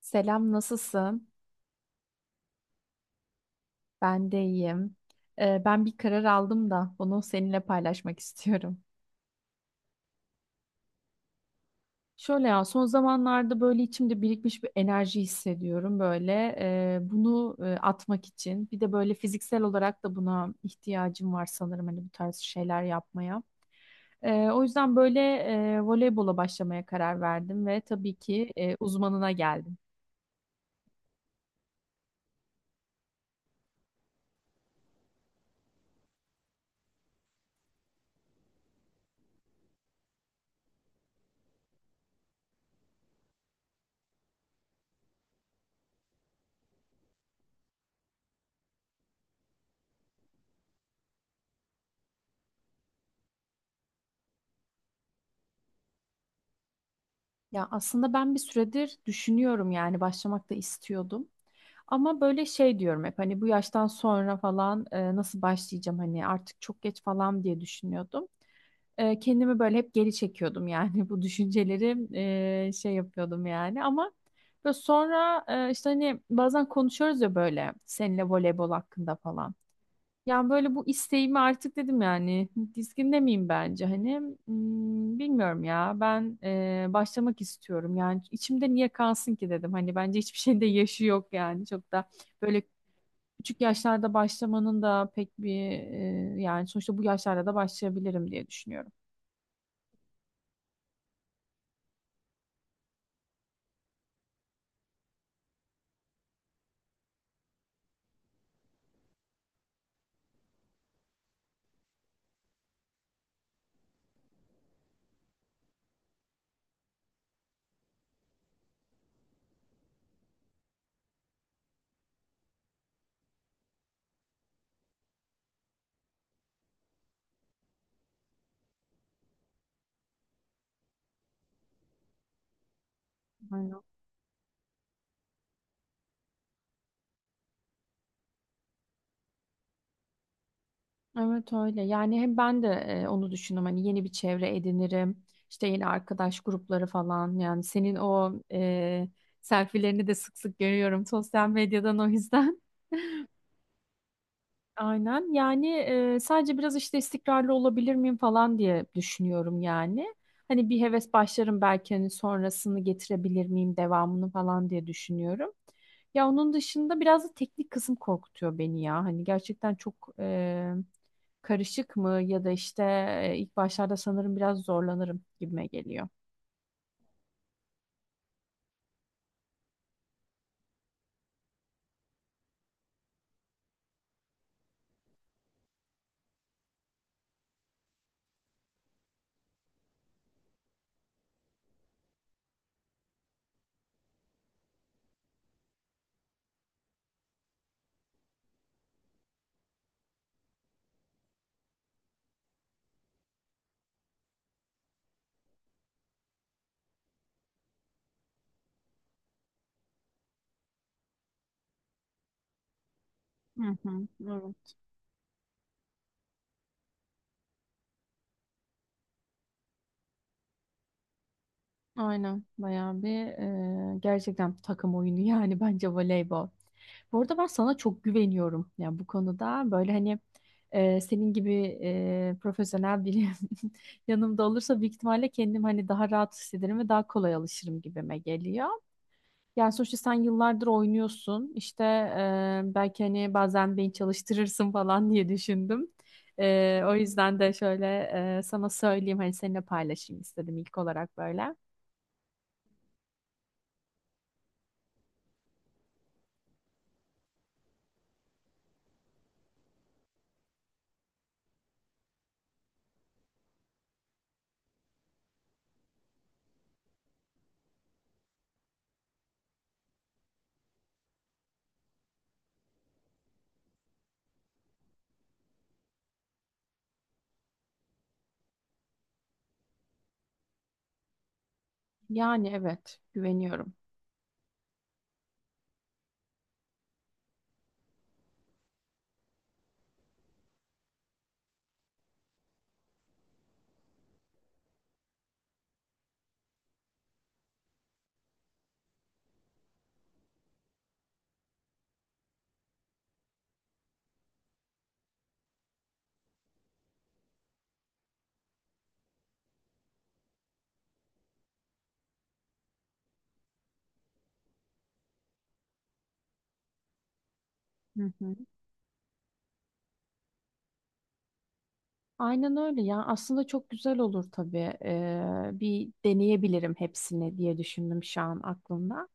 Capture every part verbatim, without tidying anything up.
Selam, nasılsın? Ben de iyiyim. Ee, ben bir karar aldım da bunu seninle paylaşmak istiyorum. Şöyle ya, son zamanlarda böyle içimde birikmiş bir enerji hissediyorum böyle. Ee, bunu e, atmak için. Bir de böyle fiziksel olarak da buna ihtiyacım var sanırım hani bu tarz şeyler yapmaya. Ee, o yüzden böyle e, voleybola başlamaya karar verdim ve tabii ki e, uzmanına geldim. Ya aslında ben bir süredir düşünüyorum yani başlamak da istiyordum. Ama böyle şey diyorum hep hani bu yaştan sonra falan e, nasıl başlayacağım hani artık çok geç falan diye düşünüyordum. E, kendimi böyle hep geri çekiyordum yani bu düşünceleri e, şey yapıyordum yani ama böyle sonra e, işte hani bazen konuşuyoruz ya böyle seninle voleybol hakkında falan. Yani böyle bu isteğimi artık dedim yani dizginde miyim bence hani hmm, bilmiyorum ya ben e, başlamak istiyorum yani içimde niye kalsın ki dedim hani bence hiçbir şeyin de yaşı yok yani çok da böyle küçük yaşlarda başlamanın da pek bir e, yani sonuçta bu yaşlarda da başlayabilirim diye düşünüyorum. Aynen. Evet öyle. Yani hem ben de e, onu düşündüm. Hani yeni bir çevre edinirim. İşte yeni arkadaş grupları falan. Yani senin o e, selfielerini de sık sık görüyorum sosyal medyadan o yüzden. Aynen. Yani e, sadece biraz işte istikrarlı olabilir miyim falan diye düşünüyorum yani. Hani bir heves başlarım belki hani sonrasını getirebilir miyim devamını falan diye düşünüyorum. Ya onun dışında biraz da teknik kısım korkutuyor beni ya. Hani gerçekten çok e, karışık mı ya da işte e, ilk başlarda sanırım biraz zorlanırım gibime geliyor. Hı hı, evet. Aynen bayağı bir e, gerçekten takım oyunu yani bence voleybol. Bu arada ben sana çok güveniyorum. Yani bu konuda böyle hani e, senin gibi e, profesyonel biri yanımda olursa büyük ihtimalle kendim hani daha rahat hissederim ve daha kolay alışırım gibime geliyor. Yani sonuçta sen yıllardır oynuyorsun. İşte e, belki hani bazen beni çalıştırırsın falan diye düşündüm. E, o yüzden de şöyle e, sana söyleyeyim hani seninle paylaşayım istedim ilk olarak böyle. Yani evet güveniyorum. Hı hı. Aynen öyle ya. Aslında çok güzel olur tabii. Ee, bir deneyebilirim hepsini diye düşündüm şu an aklımda.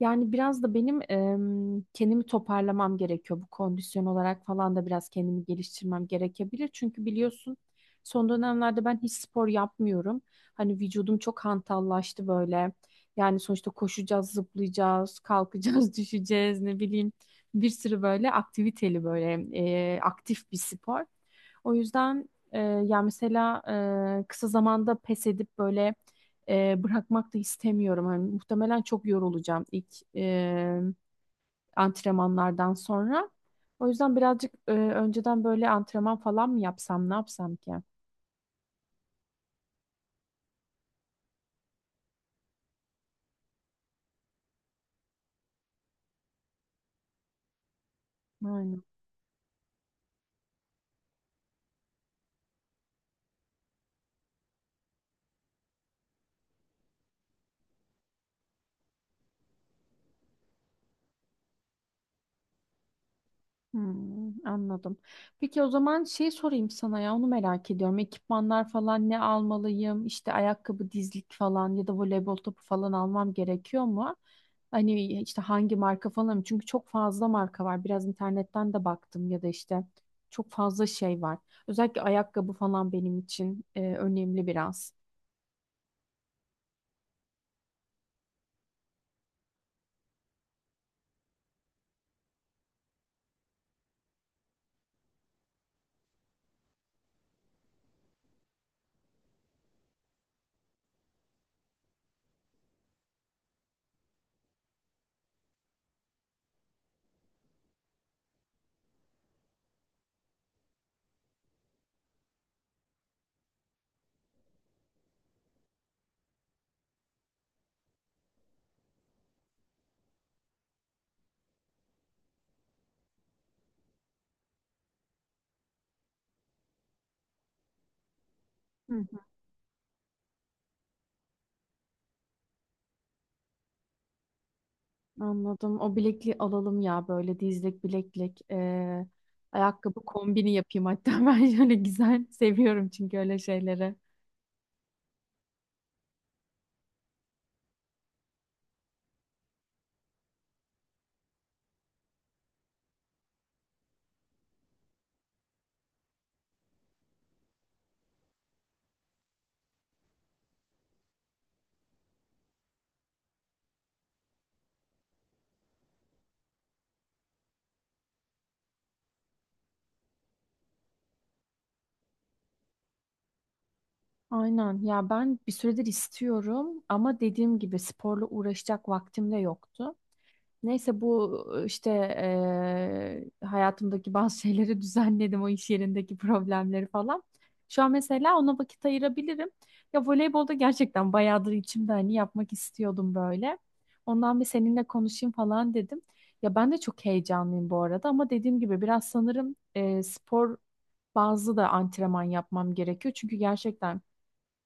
Yani biraz da benim em, kendimi toparlamam gerekiyor. Bu kondisyon olarak falan da biraz kendimi geliştirmem gerekebilir. Çünkü biliyorsun son dönemlerde ben hiç spor yapmıyorum. Hani vücudum çok hantallaştı böyle. Yani sonuçta koşacağız, zıplayacağız, kalkacağız, düşeceğiz ne bileyim. Bir sürü böyle aktiviteli böyle e, aktif bir spor. O yüzden ee, ya mesela e, kısa zamanda pes edip böyle e, bırakmak da istemiyorum. Hani muhtemelen çok yorulacağım ilk e, antrenmanlardan sonra. O yüzden birazcık e, önceden böyle antrenman falan mı yapsam, ne yapsam ki? Aynen. Hmm, anladım. Peki o zaman şey sorayım sana ya onu merak ediyorum. Ekipmanlar falan ne almalıyım? İşte ayakkabı, dizlik falan ya da voleybol topu falan almam gerekiyor mu? Hani işte hangi marka falan? Çünkü çok fazla marka var. Biraz internetten de baktım ya da işte çok fazla şey var. Özellikle ayakkabı falan benim için e, önemli biraz. Anladım. O bilekliği alalım ya böyle dizlik bileklik. Ee, ayakkabı kombini yapayım hatta ben şöyle güzel seviyorum çünkü öyle şeyleri. Aynen ya ben bir süredir istiyorum ama dediğim gibi sporla uğraşacak vaktim de yoktu. Neyse bu işte eee, hayatımdaki bazı şeyleri düzenledim o iş yerindeki problemleri falan. Şu an mesela ona vakit ayırabilirim. Ya voleybolda gerçekten bayağıdır içimde hani yapmak istiyordum böyle. Ondan bir seninle konuşayım falan dedim. Ya ben de çok heyecanlıyım bu arada ama dediğim gibi biraz sanırım eee, spor bazı da antrenman yapmam gerekiyor. Çünkü gerçekten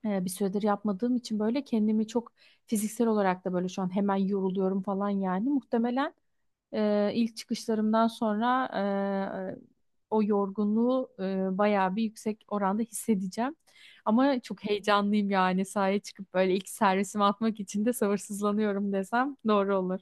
eee, bir süredir yapmadığım için böyle kendimi çok fiziksel olarak da böyle şu an hemen yoruluyorum falan yani. Muhtemelen ee, ilk çıkışlarımdan sonra e, o yorgunluğu e, bayağı bir yüksek oranda hissedeceğim. Ama çok heyecanlıyım yani sahaya çıkıp böyle ilk servisimi atmak için de sabırsızlanıyorum desem doğru olur.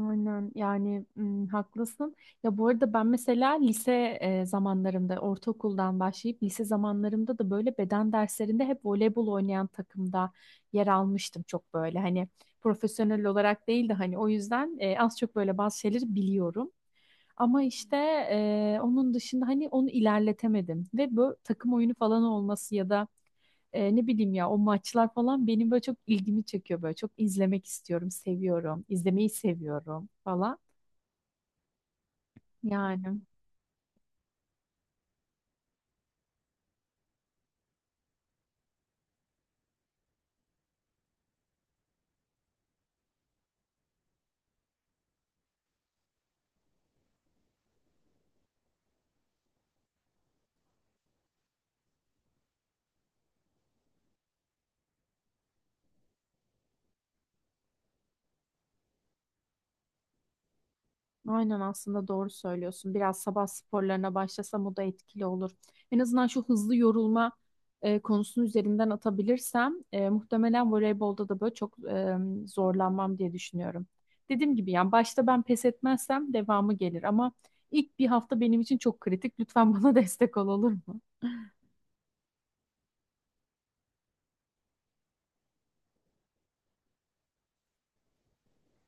Aynen yani mm, haklısın. Ya bu arada ben mesela lise e, zamanlarımda ortaokuldan başlayıp lise zamanlarımda da böyle beden derslerinde hep voleybol oynayan takımda yer almıştım çok böyle hani profesyonel olarak değil de hani o yüzden e, az çok böyle bazı şeyleri biliyorum. Ama işte e, onun dışında hani onu ilerletemedim ve bu takım oyunu falan olması ya da e, ne bileyim ya o maçlar falan benim böyle çok ilgimi çekiyor böyle çok izlemek istiyorum seviyorum izlemeyi seviyorum falan yani aynen aslında doğru söylüyorsun biraz sabah sporlarına başlasam o da etkili olur en azından şu hızlı yorulma e, konusunu üzerinden atabilirsem e, muhtemelen voleybolda da böyle çok e, zorlanmam diye düşünüyorum dediğim gibi yani başta ben pes etmezsem devamı gelir ama ilk bir hafta benim için çok kritik lütfen bana destek ol olur mu?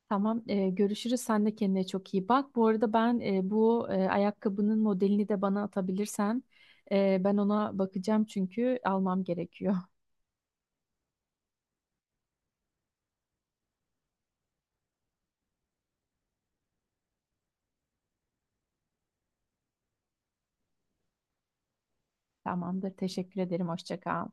Tamam, e, görüşürüz. Sen de kendine çok iyi bak. Bu arada ben e, bu e, ayakkabının modelini de bana atabilirsen e, ben ona bakacağım çünkü almam gerekiyor. Tamamdır. Teşekkür ederim. Hoşça kal.